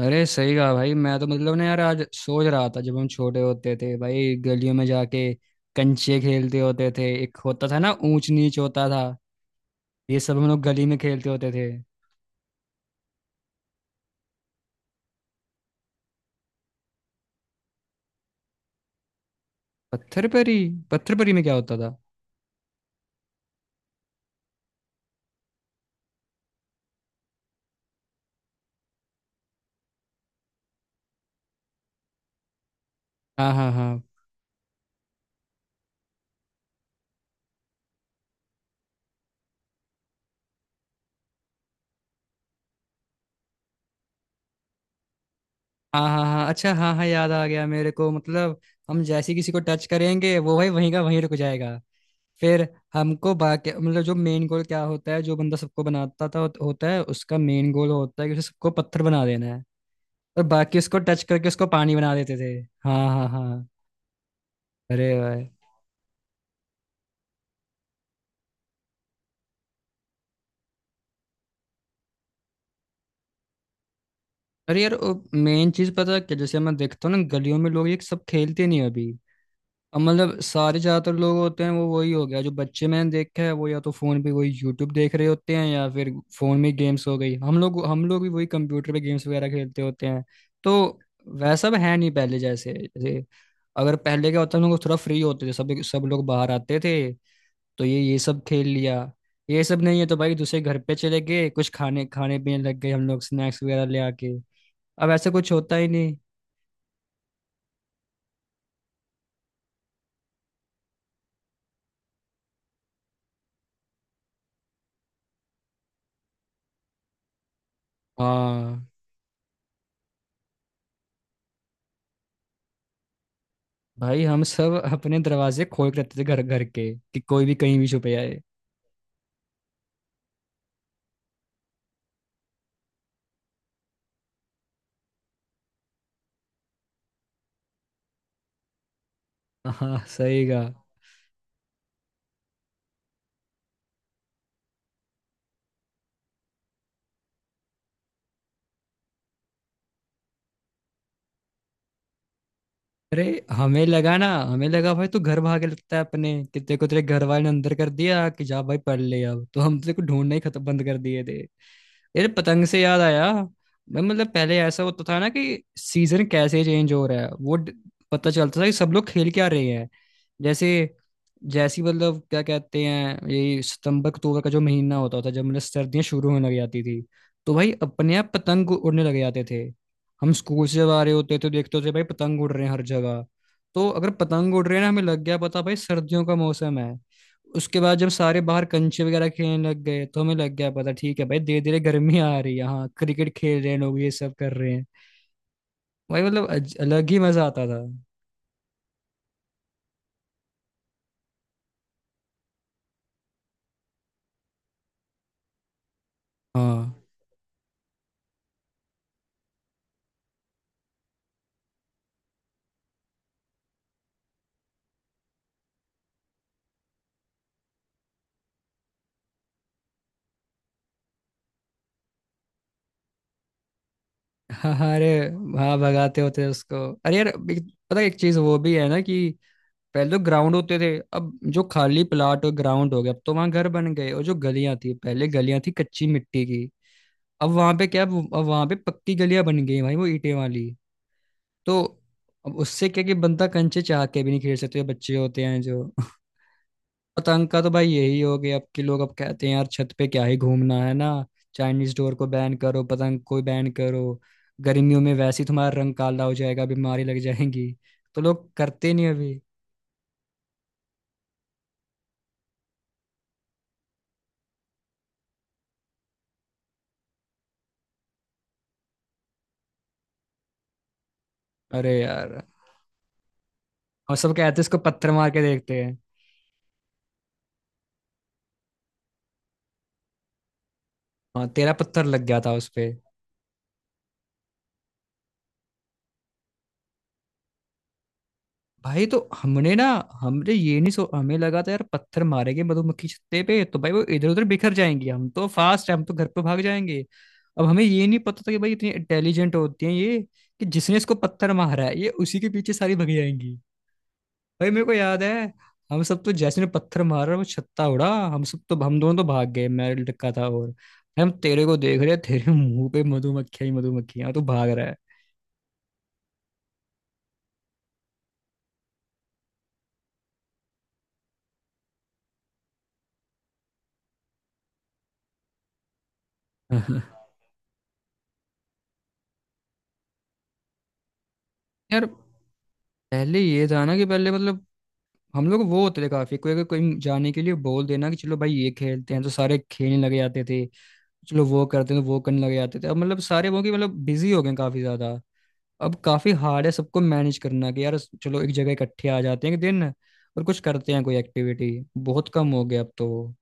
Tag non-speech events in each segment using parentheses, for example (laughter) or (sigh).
अरे सही कहा भाई। मैं तो यार आज सोच रहा था जब हम छोटे होते थे भाई, गलियों में जाके कंचे खेलते होते थे। एक होता था ना, ऊंच नीच होता था। ये सब हम लोग गली में खेलते होते थे। पत्थर परी, पत्थर परी में क्या होता था? हाँ हाँ हाँ। हाँ हाँ हाँ, अच्छा, हाँ हाँ, याद आ गया मेरे को। मतलब हम जैसे किसी को टच करेंगे वो भाई वहीं का वहीं रुक जाएगा। फिर हमको बाकी, मतलब जो मेन गोल क्या होता है, जो बंदा सबको बनाता था होता है उसका मेन गोल होता है कि उसे सबको पत्थर बना देना है। और बाकी उसको टच करके उसको पानी बना देते थे। हाँ हाँ हाँ। अरे भाई। अरे यार, मेन चीज पता है क्या? जैसे मैं देखता हूँ ना, गलियों में लोग ये सब खेलते नहीं अभी। अब मतलब सारे ज्यादातर लोग होते हैं वो, वही हो गया, जो बच्चे मैंने देखा है वो या तो फोन पे वही यूट्यूब देख रहे होते हैं या फिर फोन में गेम्स हो गई। हम लोग भी वही कंप्यूटर पे गेम्स वगैरह खेलते होते हैं। तो वैसा अब है नहीं, पहले जैसे जैसे, अगर पहले क्या होता है हम लोग थोड़ा फ्री होते थे, सब सब लोग बाहर आते थे, तो ये सब खेल लिया। ये सब नहीं है तो भाई दूसरे घर पे चले गए, कुछ खाने खाने पीने लग गए हम लोग, स्नैक्स वगैरह ले आके। अब ऐसा कुछ होता ही नहीं। हाँ भाई, हम सब अपने दरवाजे खोल के रखते थे घर घर के, कि कोई भी कहीं भी छुप जाए। हाँ सही का। अरे, हमें लगा भाई तू घर भागे लगता है अपने, कि तेरे को तेरे घर वाले ने अंदर कर दिया कि जा भाई पढ़ ले, अब तो हम तेरे को ढूंढना ही खत्म, बंद कर दिए थे। यार पतंग से याद आया, मैं मतलब पहले ऐसा होता था ना कि सीजन कैसे चेंज हो रहा है वो पता चलता था कि सब लोग खेल क्या रहे हैं। जैसे, जैसी मतलब क्या कहते हैं, ये सितंबर अक्टूबर का जो महीना होता था जब मतलब सर्दियां शुरू होने लग जाती थी, तो भाई अपने आप पतंग उड़ने लग जाते थे। हम स्कूल से जब आ रहे होते तो देखते होते भाई पतंग उड़ रहे हैं हर जगह। तो अगर पतंग उड़ रहे हैं ना, हमें लग गया पता भाई सर्दियों का मौसम है। उसके बाद जब सारे बाहर कंचे वगैरह खेलने लग गए तो हमें लग गया पता, ठीक है भाई धीरे धीरे गर्मी आ रही है, हाँ क्रिकेट खेल रहे हैं लोग, ये सब कर रहे हैं। भाई मतलब अलग ही मजा आता था। हाँ, (laughs) हाँ, अरे, हाँ भगाते होते उसको। अरे यार पता है एक चीज वो भी है ना कि पहले तो ग्राउंड होते थे, अब जो खाली प्लाट और ग्राउंड हो गया अब तो वहां घर बन गए। और जो गलियां थी, पहले गलियां थी कच्ची मिट्टी की, अब वहां पे क्या, अब वहां पे पक्की गलियां बन गई हैं भाई, वो ईंटें वाली। तो अब उससे क्या कि बंदा कंचे चाह के भी नहीं खेल सकते, बच्चे होते हैं जो। पतंग का तो भाई यही हो गया, अब के लोग अब कहते हैं यार छत पे क्या ही घूमना है ना, चाइनीज डोर को बैन करो, पतंग को बैन करो, गर्मियों में वैसे ही तुम्हारा रंग काला हो जाएगा, बीमारी लग जाएंगी। तो लोग करते नहीं अभी। अरे यार। हम सब कहते हैं इसको पत्थर मार के देखते हैं। हाँ तेरा पत्थर लग गया था उस पे। भाई तो हमने ना, हमने ये नहीं सो हमें लगा था यार पत्थर मारेंगे मधुमक्खी छत्ते पे तो भाई वो इधर उधर बिखर जाएंगी, हम तो फास्ट है, हम तो घर पे भाग जाएंगे। अब हमें ये नहीं पता था कि भाई इतनी इंटेलिजेंट होती हैं ये, कि जिसने इसको पत्थर मारा है ये उसी के पीछे सारी भग जाएंगी। भाई मेरे को याद है, हम सब तो जैसे ने पत्थर मारा वो छत्ता उड़ा, हम दोनों तो भाग गए, मैं लटका था, और भाई हम तेरे को देख रहे हैं, तेरे मुंह पे मधुमक्खियां ही मधुमक्खियां, तू भाग रहा है। (laughs) यार पहले ये था ना कि पहले मतलब हम लोग वो होते थे काफी, कोई अगर कोई जाने के लिए बोल देना कि चलो भाई ये खेलते हैं तो सारे खेलने लगे जाते थे, चलो वो करते हैं तो वो करने लगे जाते थे। अब मतलब सारे वो कि मतलब बिजी हो गए हैं काफी ज्यादा। अब काफी हार्ड है सबको मैनेज करना कि यार चलो एक जगह इकट्ठे आ जाते हैं एक दिन, और कुछ करते हैं कोई एक्टिविटी। बहुत कम हो गया अब तो।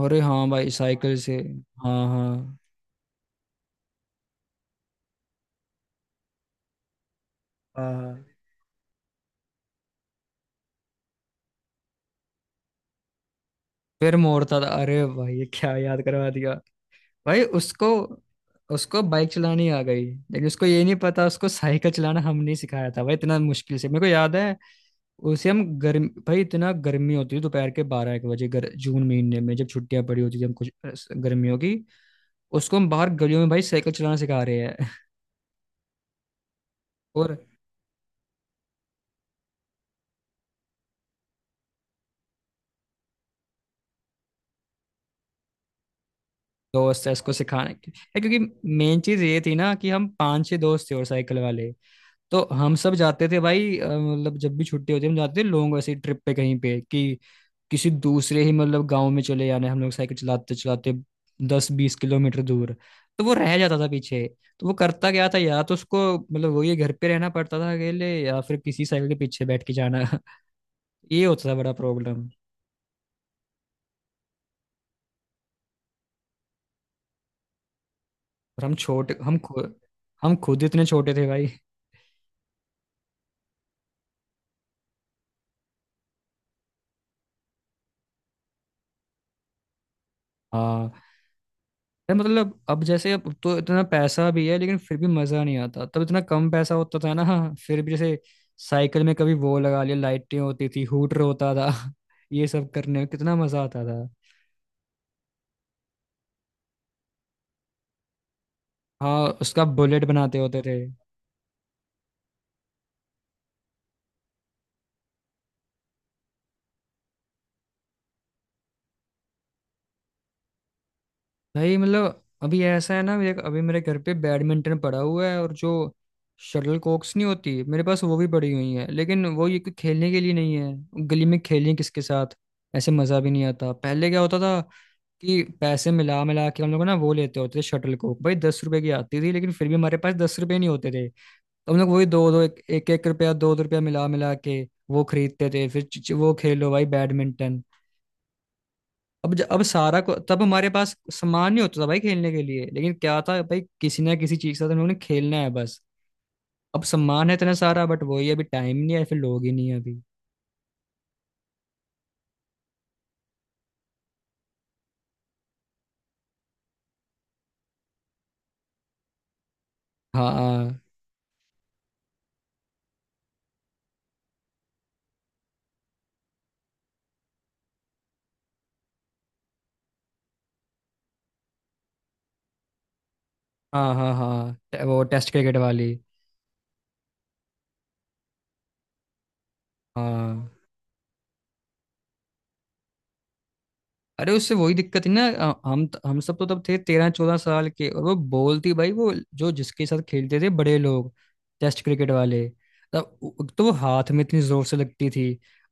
अरे हाँ भाई साइकिल से। हाँ हाँ। हाँ फिर मोड़ता था, अरे भाई ये क्या याद करवा। भाई उसको, उसको बाइक चलानी आ गई लेकिन उसको ये नहीं पता उसको साइकिल चलाना हमने सिखाया था भाई, इतना मुश्किल से, मेरे को याद है। उसे हम गर्म भाई इतना गर्मी होती थी, दोपहर के 12-1 बजे जून महीने में जब छुट्टियां पड़ी होती थी, हम कुछ गर्मियों की, उसको हम बाहर गलियों में भाई साइकिल चलाना सिखा रहे हैं। (laughs) और दोस्त है उसको सिखाने के है, क्योंकि मेन चीज ये थी ना कि हम पांच छह दोस्त थे और साइकिल वाले, तो हम सब जाते थे भाई, मतलब जब भी छुट्टी होती है हम जाते थे लोगों को ऐसे ट्रिप पे कहीं पे, कि किसी दूसरे ही मतलब गांव में चले जाना है। हम लोग साइकिल चलाते चलाते 10-20 किलोमीटर दूर, तो वो रह जाता था पीछे। तो वो करता क्या था, या तो उसको मतलब वही घर पे रहना पड़ता था अकेले, या फिर किसी साइकिल के पीछे बैठ के जाना। (laughs) ये होता था बड़ा प्रॉब्लम। और हम खुद इतने छोटे थे भाई। हाँ। यार मतलब अब जैसे, अब तो इतना पैसा भी है लेकिन फिर भी मजा नहीं आता, तब इतना कम पैसा होता था ना, फिर भी जैसे साइकिल में कभी वो लगा लिया, लाइटें होती थी, हूटर होता था। (laughs) ये सब करने में कितना मजा आता था। हाँ उसका बुलेट बनाते होते थे। भाई मतलब अभी ऐसा है ना, मेरे अभी मेरे घर पे बैडमिंटन पड़ा हुआ है, और जो शटल कॉक्स नहीं होती मेरे पास वो भी पड़ी हुई है, लेकिन वो ये कोई खेलने के लिए नहीं है, गली में खेलें किसके साथ। ऐसे मज़ा भी नहीं आता। पहले क्या होता था कि पैसे मिला मिला के हम लोग ना वो लेते होते थे शटल कॉक, भाई 10 रुपए की आती थी लेकिन फिर भी हमारे पास 10 रुपए नहीं होते थे। तो हम लोग वही दो दो, एक एक, 1 रुपया दो दो रुपया मिला मिला के वो खरीदते थे, फिर वो खेलो भाई बैडमिंटन। अब सारा को तब हमारे पास सम्मान नहीं होता था भाई खेलने के लिए, लेकिन क्या था भाई किसी ना किसी चीज के साथ उन्होंने खेलना है बस। अब सम्मान है इतना सारा बट वही अभी टाइम नहीं है, फिर लोग ही नहीं है अभी। हाँ हाँ हाँ। हाँ, हाँ, वो टेस्ट क्रिकेट वाली। हाँ। अरे उससे वही दिक्कत है ना, हम सब तो तब थे 13-14 साल के, और वो बोलती भाई वो जो जिसके साथ खेलते थे बड़े लोग, टेस्ट क्रिकेट वाले, तो वो हाथ में इतनी जोर से लगती थी।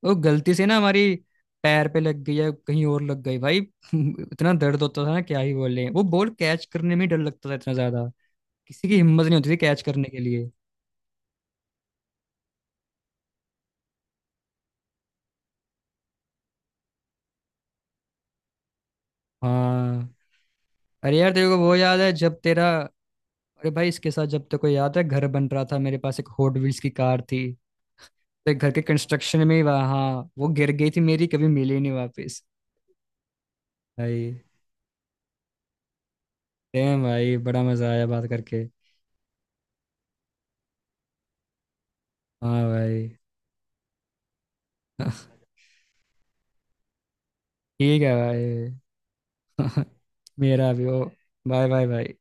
वो गलती से ना हमारी पैर पे लग गई या कहीं और लग गई भाई, (laughs) इतना दर्द होता था ना क्या ही बोले, वो बॉल कैच करने में ही डर लगता था इतना ज्यादा, किसी की हिम्मत नहीं होती थी कैच करने के लिए। हाँ। अरे यार तेरे को वो याद है जब तेरा, अरे भाई इसके साथ जब तक को याद है घर बन रहा था मेरे पास एक हॉट व्हील्स की कार थी। तो घर के कंस्ट्रक्शन में ही वहाँ, हाँ, वो गिर गई थी मेरी, कभी मिली नहीं वापस। भाई। डैम भाई बड़ा मजा आया बात करके। हाँ भाई। (laughs) ठीक है भाई। (laughs) मेरा भी हो, बाय बाय भाई।